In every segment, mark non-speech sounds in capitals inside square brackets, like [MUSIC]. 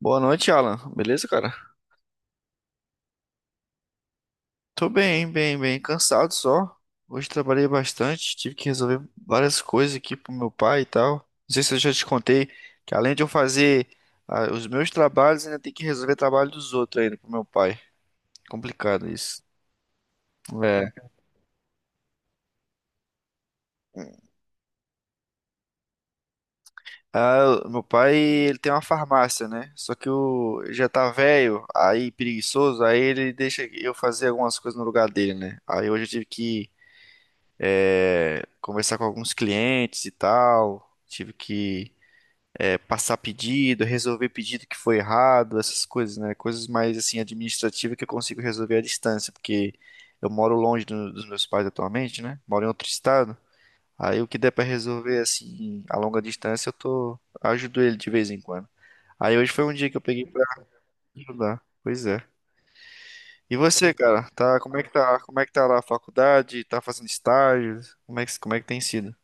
Boa noite, Alan. Beleza, cara? Tô bem, bem, bem. Cansado só. Hoje trabalhei bastante, tive que resolver várias coisas aqui pro meu pai e tal. Não sei se eu já te contei que além de eu fazer os meus trabalhos, ainda tem que resolver trabalho dos outros ainda pro meu pai. Complicado isso. É. Ah, o meu pai, ele tem uma farmácia, né? Só que o ele já tá velho, aí preguiçoso, aí ele deixa eu fazer algumas coisas no lugar dele, né? Aí hoje eu tive que conversar com alguns clientes e tal. Tive que passar pedido, resolver pedido que foi errado, essas coisas, né? Coisas mais assim administrativas que eu consigo resolver à distância, porque eu moro longe dos meus pais atualmente, né? Moro em outro estado. Aí o que der pra resolver assim a longa distância, eu tô ajudo ele de vez em quando. Aí hoje foi um dia que eu peguei pra ajudar. Pois é. E você, cara? Tá, como é que tá? Como é que tá lá a faculdade? Tá fazendo estágios? Como é que tem sido?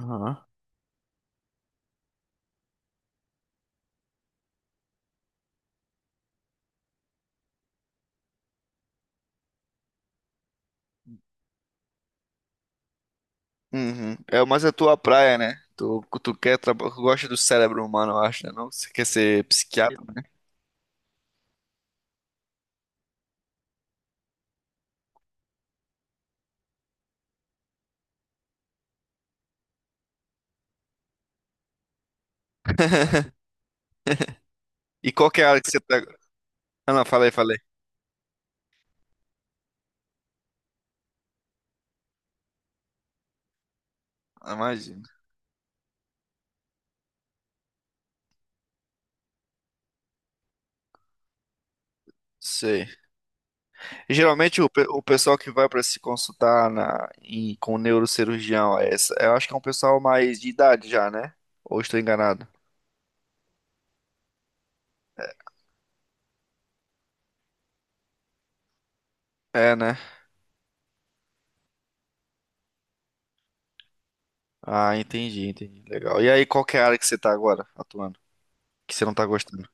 Aham. Uhum. É mais a tua praia, né? Tu gosta do cérebro humano, eu acho, né? Não? Você quer ser psiquiatra, né? [LAUGHS] E qual que é a área que você tá... Ah, não, falei, falei. Ah, imagina. Sei. Geralmente o pessoal que vai para se consultar com o neurocirurgião, é essa, eu acho que é um pessoal mais de idade já, né? Ou estou enganado? É, né? Ah, entendi, entendi. Legal. E aí, qual que é a área que você tá agora atuando? Que você não tá gostando?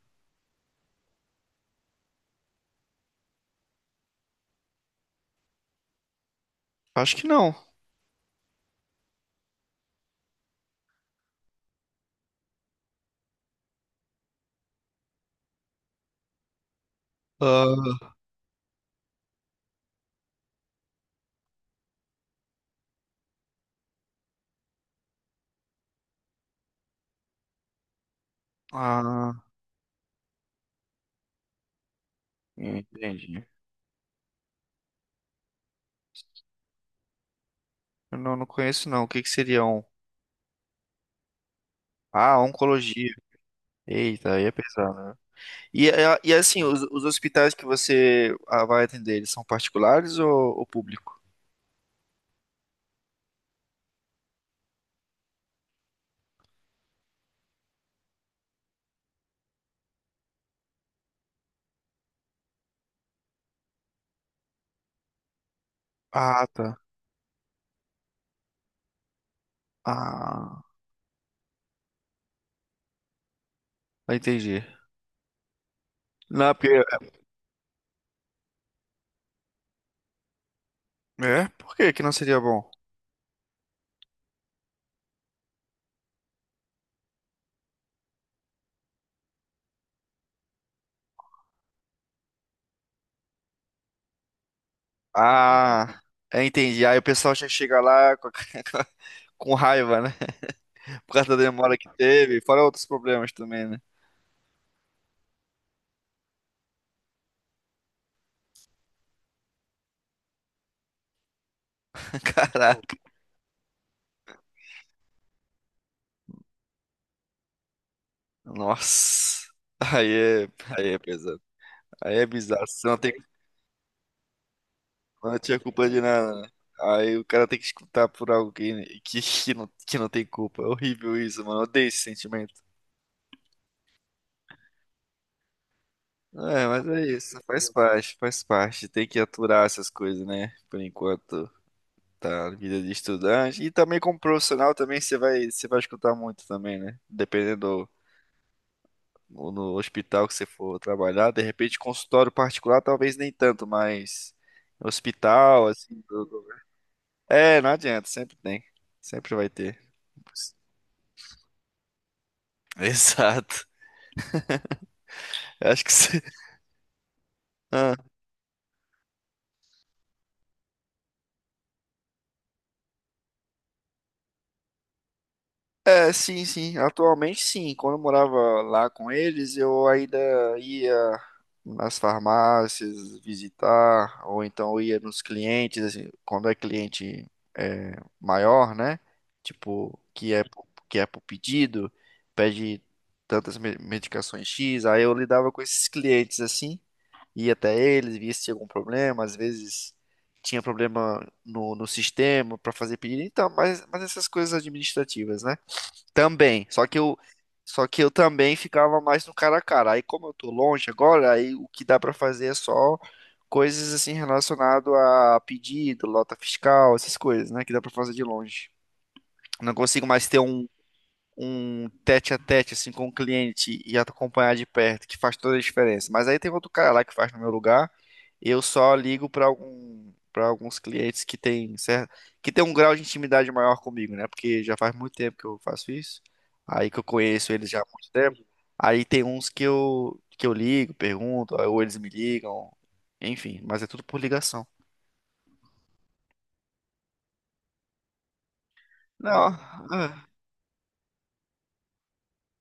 Acho que não. Ah. Ah, entendi. Eu não, não conheço, não. O que que seria um? Ah, oncologia. Eita, aí é pesado, né? E é assim, os hospitais que você vai atender, eles são particulares ou público? Ah, tá. Ah, entendi. Não, porque... É? Por que que não seria bom? Ah, é, entendi. Aí o pessoal já chega lá com, [LAUGHS] com raiva, né? Por causa da demora que teve, fora outros problemas também, né? [LAUGHS] Caraca. Nossa. Aí é, aí é pesado. Aí é bizarro. Você não tem... Não tinha culpa de nada, né? Aí o cara tem que escutar por alguém que não tem culpa. É horrível isso, mano. Eu odeio esse sentimento. É, mas é isso. Faz parte, faz parte. Tem que aturar essas coisas, né? Por enquanto tá na vida de estudante. E também como profissional também você vai escutar muito também, né? Dependendo no hospital que você for trabalhar. De repente, consultório particular, talvez nem tanto, mas hospital, assim. É, não adianta. Sempre tem. Sempre vai ter. [LAUGHS] Exato. Eu acho que você. [LAUGHS] Ah. É, sim, sim. Atualmente, sim. Quando eu morava lá com eles, eu ainda ia nas farmácias visitar, ou então eu ia nos clientes, assim, quando é cliente é, maior, né? Tipo, que é por pedido, pede tantas medicações X. Aí eu lidava com esses clientes assim. Ia até eles, via se tinha algum problema, às vezes tinha problema no sistema para fazer pedido, então, mas essas coisas administrativas, né? Também, só que eu também ficava mais no cara a cara. Aí como eu tô longe agora, aí o que dá para fazer é só coisas assim relacionado a pedido, lota fiscal, essas coisas, né, que dá para fazer de longe. Não consigo mais ter um, um tete a tete assim com o cliente e acompanhar de perto, que faz toda a diferença. Mas aí tem outro cara lá que faz no meu lugar. Eu só ligo para algum, para alguns clientes que tem certo que tem um grau de intimidade maior comigo, né? Porque já faz muito tempo que eu faço isso. Aí que eu conheço eles já há muito tempo. Aí tem uns que eu ligo, pergunto, ou eles me ligam, enfim, mas é tudo por ligação. Não,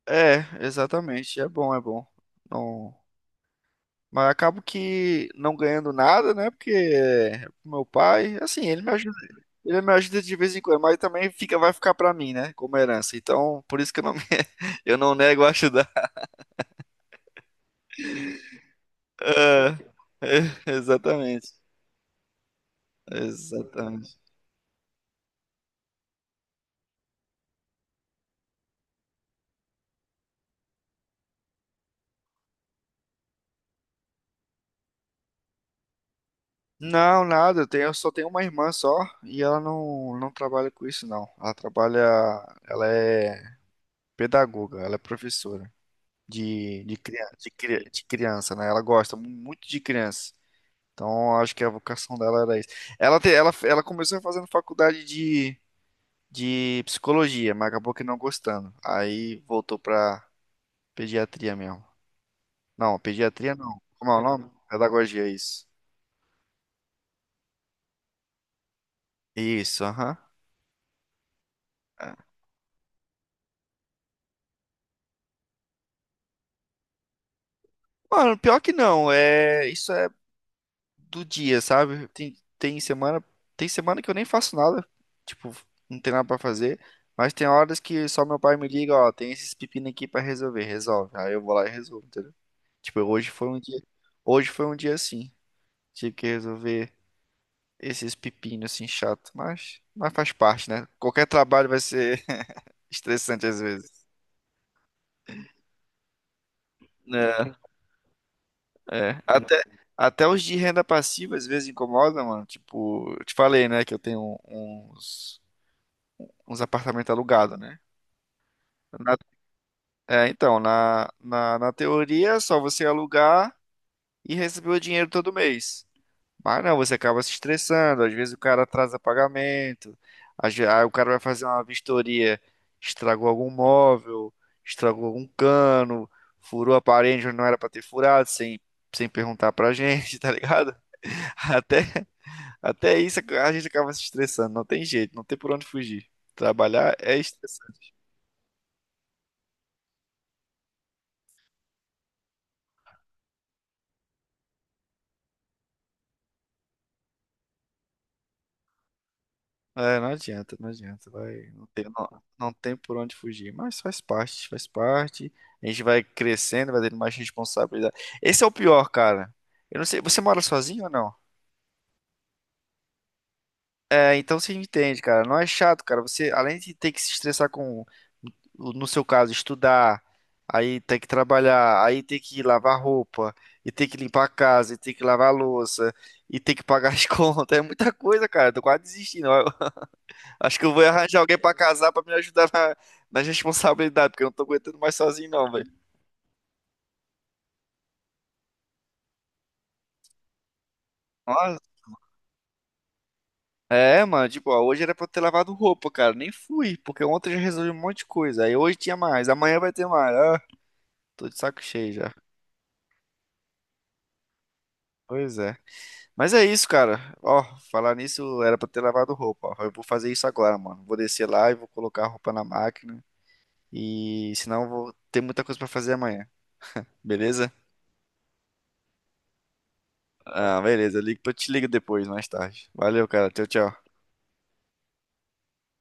é, é, exatamente, é bom, é bom. Não. Mas acabo que não ganhando nada, né? Porque é pro meu pai, assim, ele me ajuda de vez em quando, mas também fica, vai ficar pra mim, né? Como herança. Então, por isso que eu não, [LAUGHS] eu não nego a ajudar. Ah, [LAUGHS] exatamente. Exatamente. Não, nada, eu só tenho uma irmã só e ela não, não trabalha com isso, não. Ela trabalha, ela é pedagoga, ela é professora de criança, né? Ela gosta muito de criança. Então, acho que a vocação dela era isso. Ela começou fazendo faculdade de psicologia, mas acabou que não gostando. Aí voltou pra pediatria mesmo. Não, pediatria não. Como é o nome? Pedagogia, isso. Isso, aham. É. Mano, pior que não. É, isso é do dia, sabe? Tem semana que eu nem faço nada. Tipo, não tem nada pra fazer. Mas tem horas que só meu pai me liga, ó, tem esses pepino aqui pra resolver, resolve. Aí eu vou lá e resolvo, entendeu? Tipo, hoje foi um dia assim. Tive que resolver esses pepinos assim chato, mas faz parte, né? Qualquer trabalho vai ser [LAUGHS] estressante às vezes. É, é. Até, até os de renda passiva às vezes incomodam, mano. Tipo, eu te falei, né, que eu tenho uns, uns apartamentos alugados, né? Na- na teoria é só você alugar e receber o dinheiro todo mês. Mas não, você acaba se estressando, às vezes o cara atrasa pagamento, aí o cara vai fazer uma vistoria, estragou algum móvel, estragou algum cano, furou a parede onde não era pra ter furado, sem perguntar pra gente, [LAUGHS] tá ligado? Até, até isso a gente acaba se estressando, não tem jeito, não tem por onde fugir. Trabalhar é estressante. É, não adianta, não adianta, vai, não tem, não tem por onde fugir, mas faz parte, faz parte. A gente vai crescendo, vai tendo mais responsabilidade. Esse é o pior, cara. Eu não sei, você mora sozinho ou não? É, então você entende, cara. Não é chato, cara. Você, além de ter que se estressar com, no seu caso, estudar, aí ter que trabalhar, aí ter que lavar roupa, e ter que limpar a casa, e ter que lavar a louça, e ter que pagar as [LAUGHS] contas, é muita coisa, cara. Tô quase desistindo. Acho que eu vou arranjar alguém pra casar pra me ajudar na, nas responsabilidades, porque eu não tô aguentando mais sozinho, não, velho. Nossa. É, mano, tipo, ó, hoje era pra eu ter lavado roupa, cara. Nem fui, porque ontem eu já resolvi um monte de coisa. Aí hoje tinha mais, amanhã vai ter mais. Ah, tô de saco cheio já. Pois é. Mas é isso, cara. Ó, falar nisso era pra ter lavado roupa. Ó. Eu vou fazer isso agora, mano. Vou descer lá e vou colocar a roupa na máquina. E senão eu vou ter muita coisa pra fazer amanhã. Beleza? Ah, beleza. Eu te ligo depois, mais tarde. Valeu, cara. Tchau, tchau.